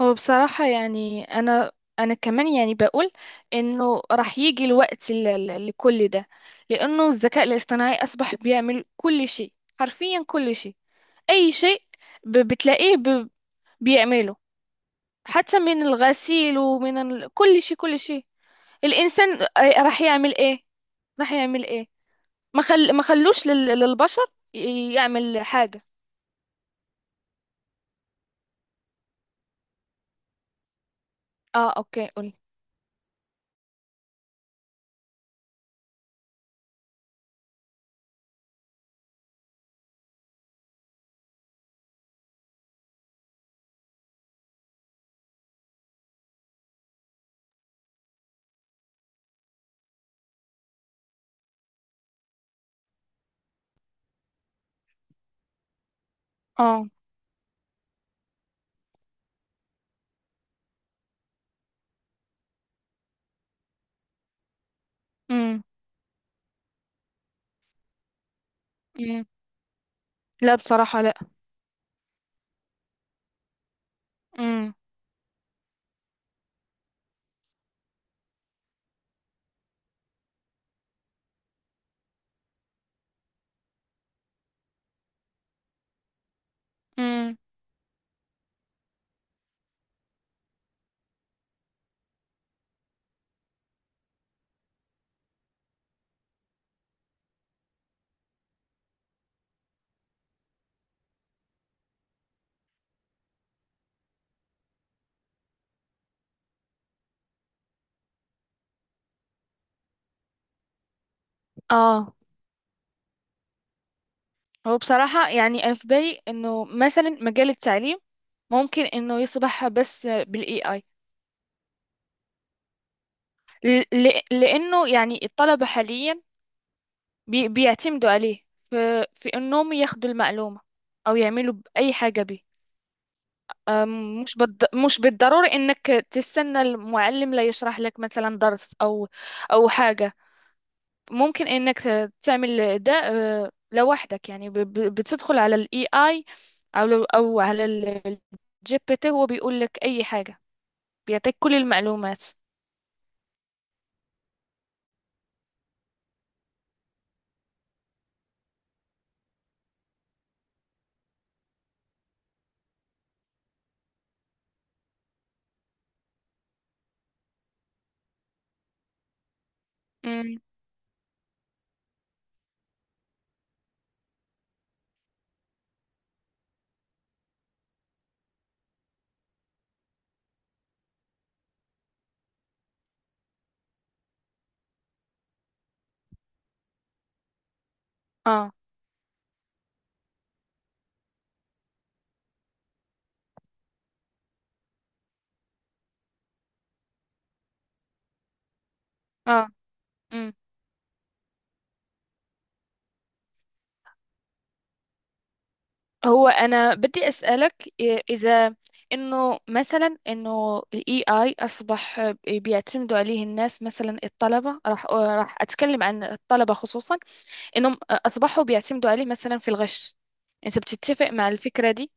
هو بصراحة يعني أنا كمان يعني بقول إنه راح يجي الوقت لكل ده. لأنه الذكاء الاصطناعي أصبح بيعمل كل شيء، حرفيا كل شيء، أي شيء. بتلاقيه بيعمله، حتى من الغسيل ومن كل شيء كل شيء. الإنسان راح يعمل إيه؟ راح يعمل إيه؟ ما خلوش للبشر يعمل حاجة. آه أوكي قولي. آه. أمم أمم لا بصراحة لا. أمم أمم آه. هو بصراحة يعني أنا في بالي إنه مثلا مجال التعليم ممكن إنه يصبح بس بال AI. لأنه يعني الطلبة حاليا بيعتمدوا عليه في، في إنهم ياخدوا المعلومة أو يعملوا أي حاجة به. مش بالضروري إنك تستنى المعلم لا يشرح لك مثلا درس أو أو حاجة. ممكن انك تعمل ده لوحدك، يعني بتدخل على الاي اي، او على الجي بي تي، هو بيقول لك اي حاجة، بيعطيك كل المعلومات. امم اه اه. امم هو انا بدي اسالك إيه، اذا انه مثلا انه الاي اي اصبح بيعتمدوا عليه الناس، مثلا الطلبه راح راح اتكلم عن الطلبه خصوصا، انهم اصبحوا بيعتمدوا عليه مثلا في الغش. انت بتتفق مع الفكره دي؟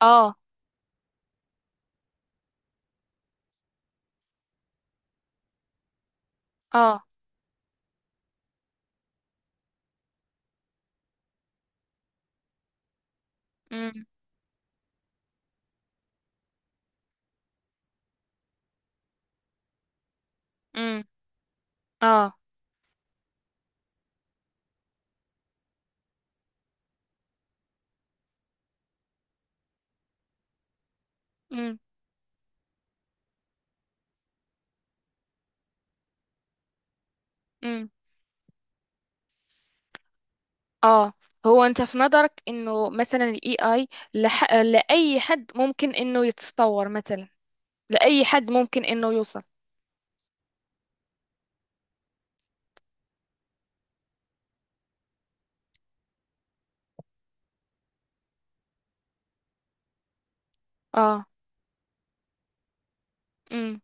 اه اه. امم امم اه. امم امم اه. هو انت في نظرك انه مثلا الاي اي لاي حد ممكن انه يتطور مثلا، لاي حد ممكن انه يوصل؟ اه. امم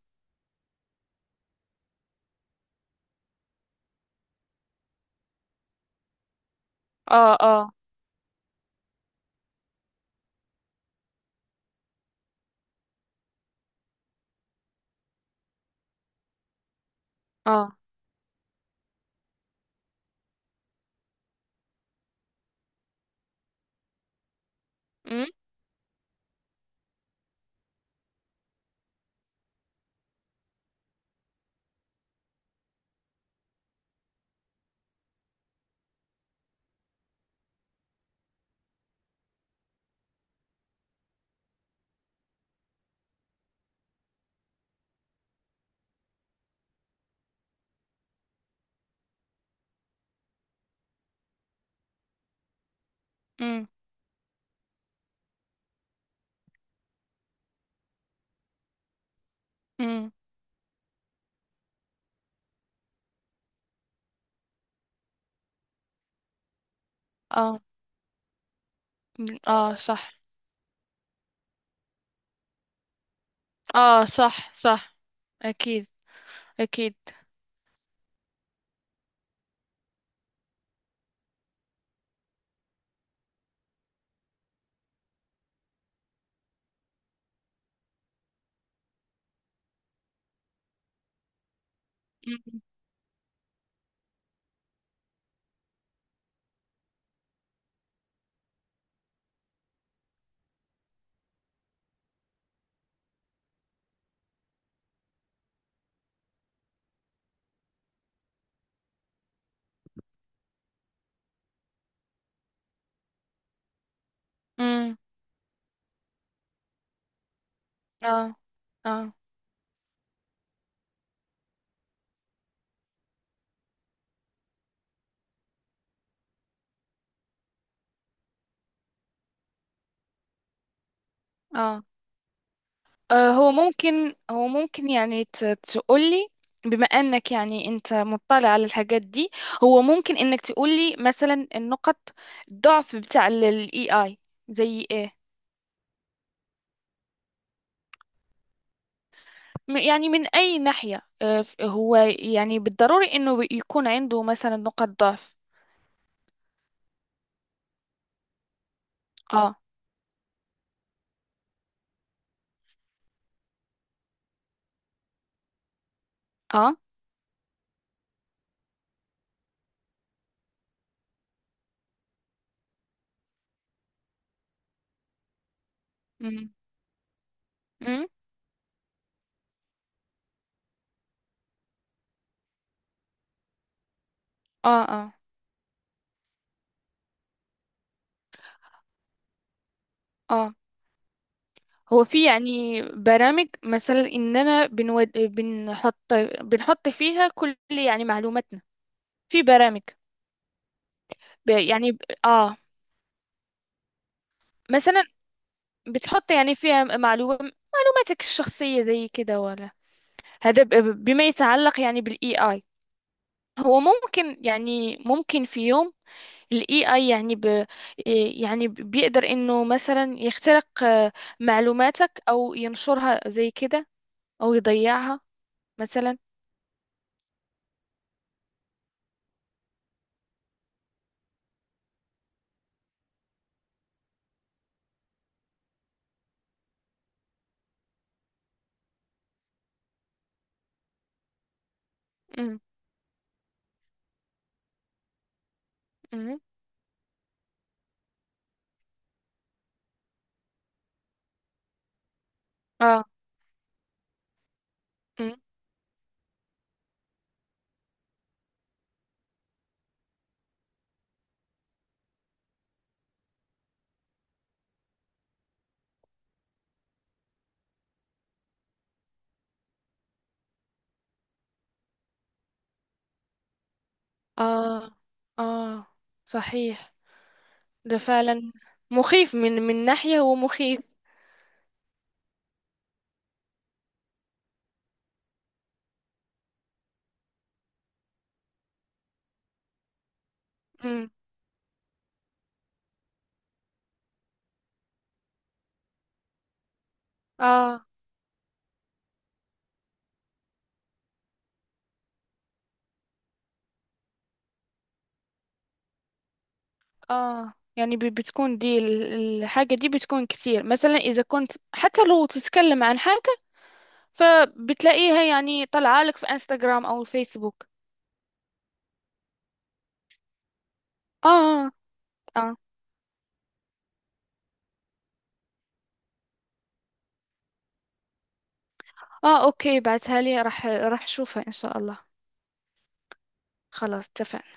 اه اه اه. امم امم امم اه. مم. اه صح. اه صح صح، اكيد اكيد. امم امم اه اه اه. آه، هو ممكن، هو ممكن يعني تقولي، بما انك يعني انت مطلع على الحاجات دي، هو ممكن انك تقولي مثلا النقط الضعف بتاع الاي اي زي ايه؟ يعني من اي ناحية، هو يعني بالضروري انه يكون عنده مثلا نقط ضعف. اه اه. امم امم اه اه اه. هو في يعني برامج مثلا اننا بنحط، بنحط فيها كل يعني معلوماتنا، في برامج اه، مثلا بتحط يعني فيها معلومة، معلوماتك الشخصية زي كده ولا؟ هذا بما يتعلق يعني بالاي اي، هو ممكن يعني ممكن في يوم الاي اي يعني ب إيه، يعني ب- بيقدر انه مثلا يخترق معلوماتك او ينشرها زي كده، او يضيعها مثلا. امم امم اه. امم اه اه صحيح. ده فعلا مخيف، من من ناحية هو مخيف. امم اه اه. يعني بتكون دي الحاجة دي بتكون كتير، مثلا إذا كنت حتى لو تتكلم عن حاجة فبتلاقيها يعني طالعة لك في انستغرام أو فيسبوك. اه اه. اه اوكي، بعتها لي، راح راح اشوفها ان شاء الله. خلاص اتفقنا.